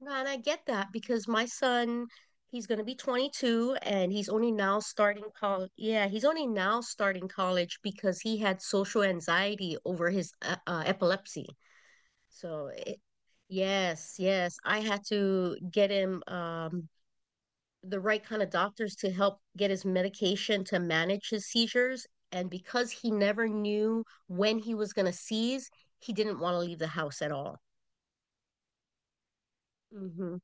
Nah, and I get that because my son, he's going to be 22 and he's only now starting college. Yeah, he's only now starting college because he had social anxiety over his epilepsy. So, yes, yes, I had to get him the right kind of doctors to help get his medication to manage his seizures. And because he never knew when he was going to seize, he didn't want to leave the house at all. Hmm.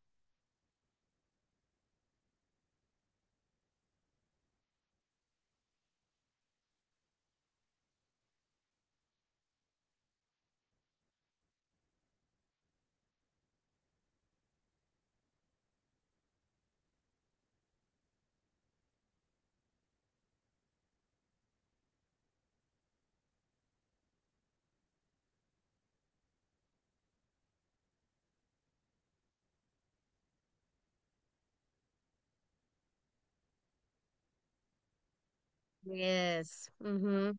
Yes. Hmm.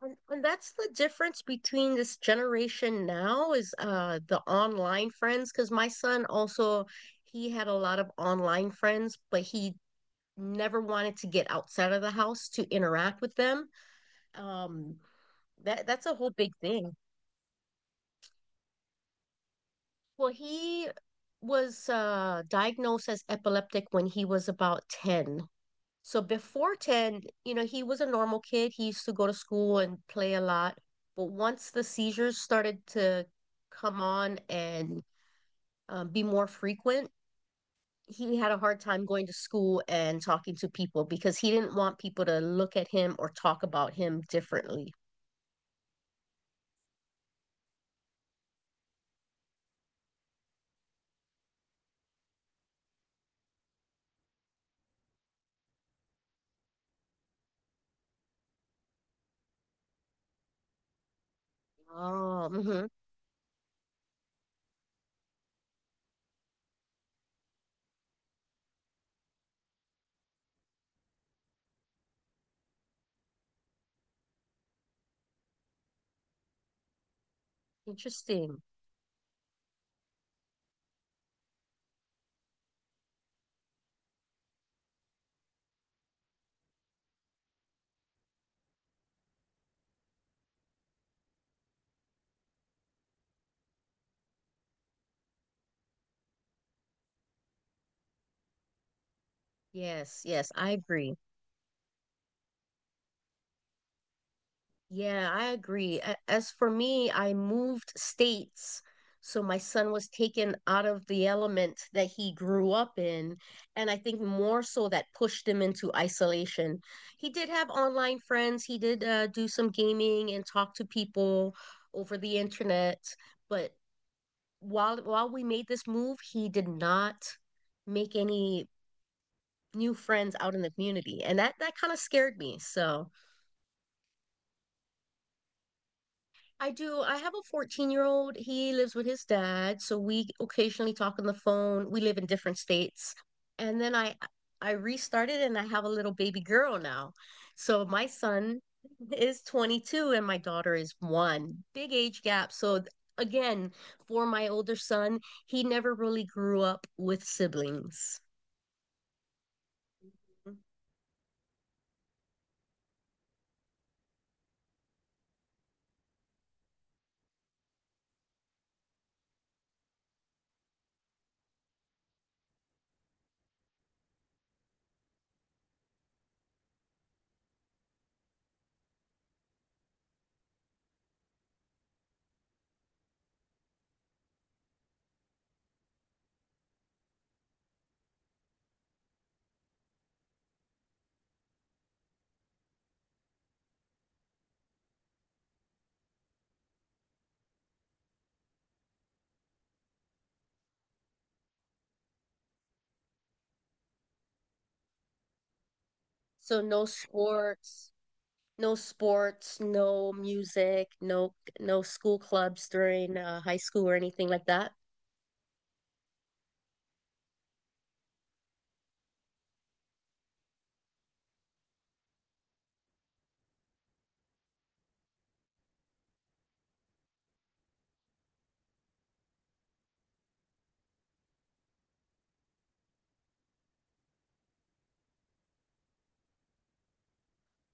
And that's the difference between this generation now is the online friends because my son also he had a lot of online friends, but he never wanted to get outside of the house to interact with them. Um that's a whole big thing. Well, he was diagnosed as epileptic when he was about 10. So before 10, you know, he was a normal kid. He used to go to school and play a lot. But once the seizures started to come on and be more frequent, he had a hard time going to school and talking to people because he didn't want people to look at him or talk about him differently. Oh, mhm. Interesting. Yes, yes, I agree. Yeah, I agree. As for me, I moved states. So my son was taken out of the element that he grew up in. And I think more so that pushed him into isolation. He did have online friends. He did do some gaming and talk to people over the internet. But while we made this move, he did not make any new friends out in the community. And that kind of scared me. So I do. I have a 14-year-old. He lives with his dad, so we occasionally talk on the phone. We live in different states. And then I restarted and I have a little baby girl now. So my son is 22 and my daughter is one. Big age gap. So again, for my older son, he never really grew up with siblings. So no sports. No sports, no music, no school clubs during high school or anything like that.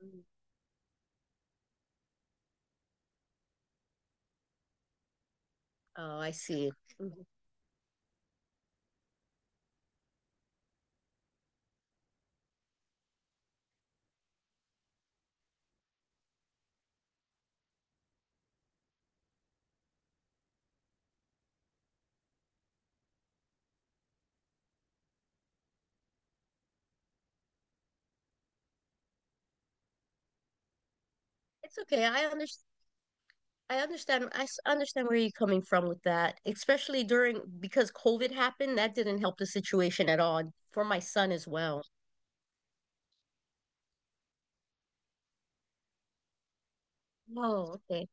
Mhm. Oh, I see. Mhm. It's okay. I understand. I understand. Understand where you're coming from with that, especially during because COVID happened. That didn't help the situation at all, and for my son as well. Oh, okay.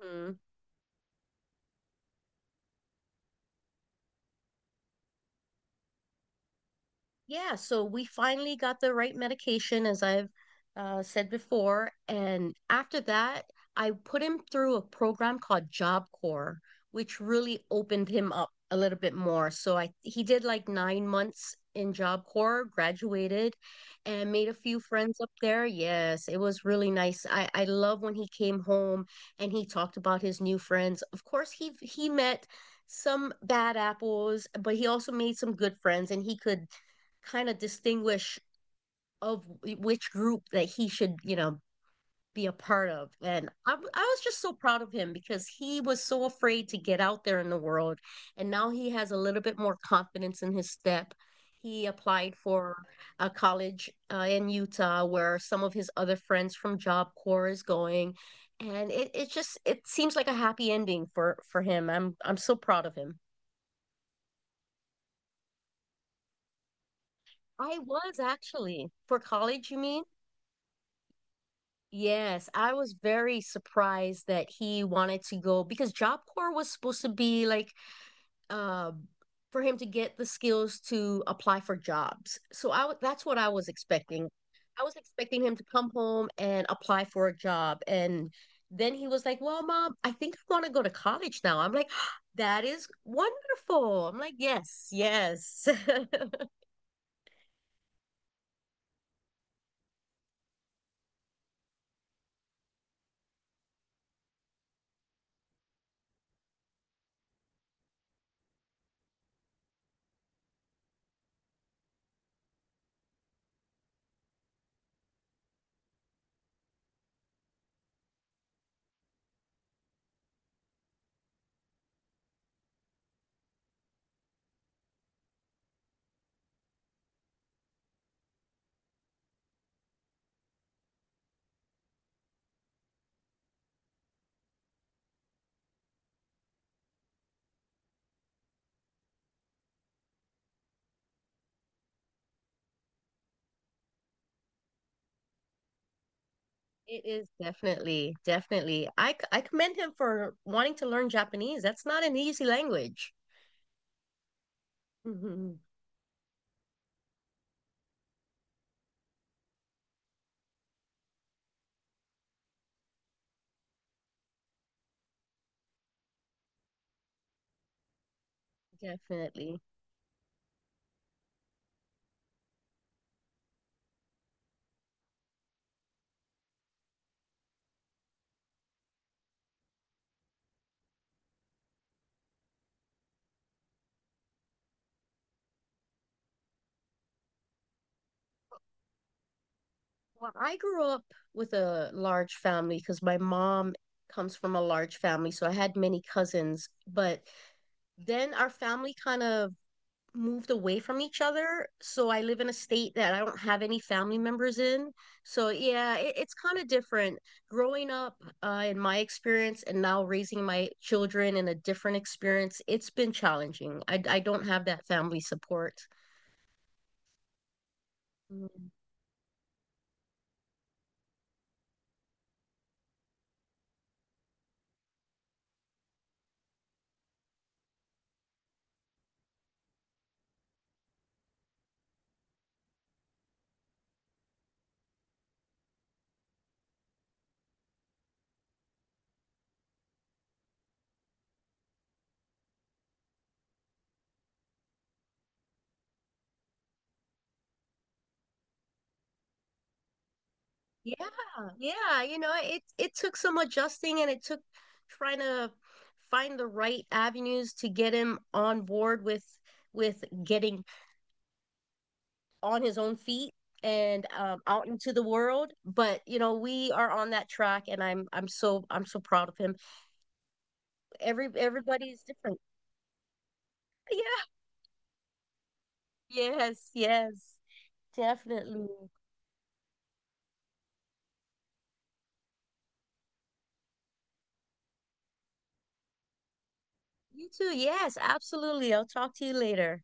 Mhm. Yeah, so we finally got the right medication, as I've said before. And after that, I put him through a program called Job Corps, which really opened him up a little bit more. So I he did like 9 months in Job Corps, graduated, and made a few friends up there. Yes, it was really nice. I love when he came home and he talked about his new friends. Of course, he met some bad apples, but he also made some good friends, and he could kind of distinguish of which group that he should, you know, be a part of. And I was just so proud of him because he was so afraid to get out there in the world. And now he has a little bit more confidence in his step. He applied for a college in Utah where some of his other friends from Job Corps is going. And it just it seems like a happy ending for him. I'm so proud of him. I was actually for college, you mean? Yes, I was very surprised that he wanted to go because Job Corps was supposed to be like um for him to get the skills to apply for jobs. So that's what I was expecting. I was expecting him to come home and apply for a job and then he was like, "Well, mom, I think I want to go to college now." I'm like, "That is wonderful." I'm like, "Yes, yes." It is definitely, definitely. I commend him for wanting to learn Japanese. That's not an easy language. Mhm. Definitely. Well, I grew up with a large family because my mom comes from a large family, so I had many cousins. But then our family kind of moved away from each other. So I live in a state that I don't have any family members in. So yeah, it's kind of different. Growing up in my experience and now raising my children in a different experience, it's been challenging. I don't have that family support. Mm. Yeah, yeah, you know, it took some adjusting and it took trying to find the right avenues to get him on board with getting on his own feet and out into the world, but you know, we are on that track, and I'm so proud of him. Everybody is different. Yeah, yes, yes, definitely. You too. Yes, absolutely. I'll talk to you later.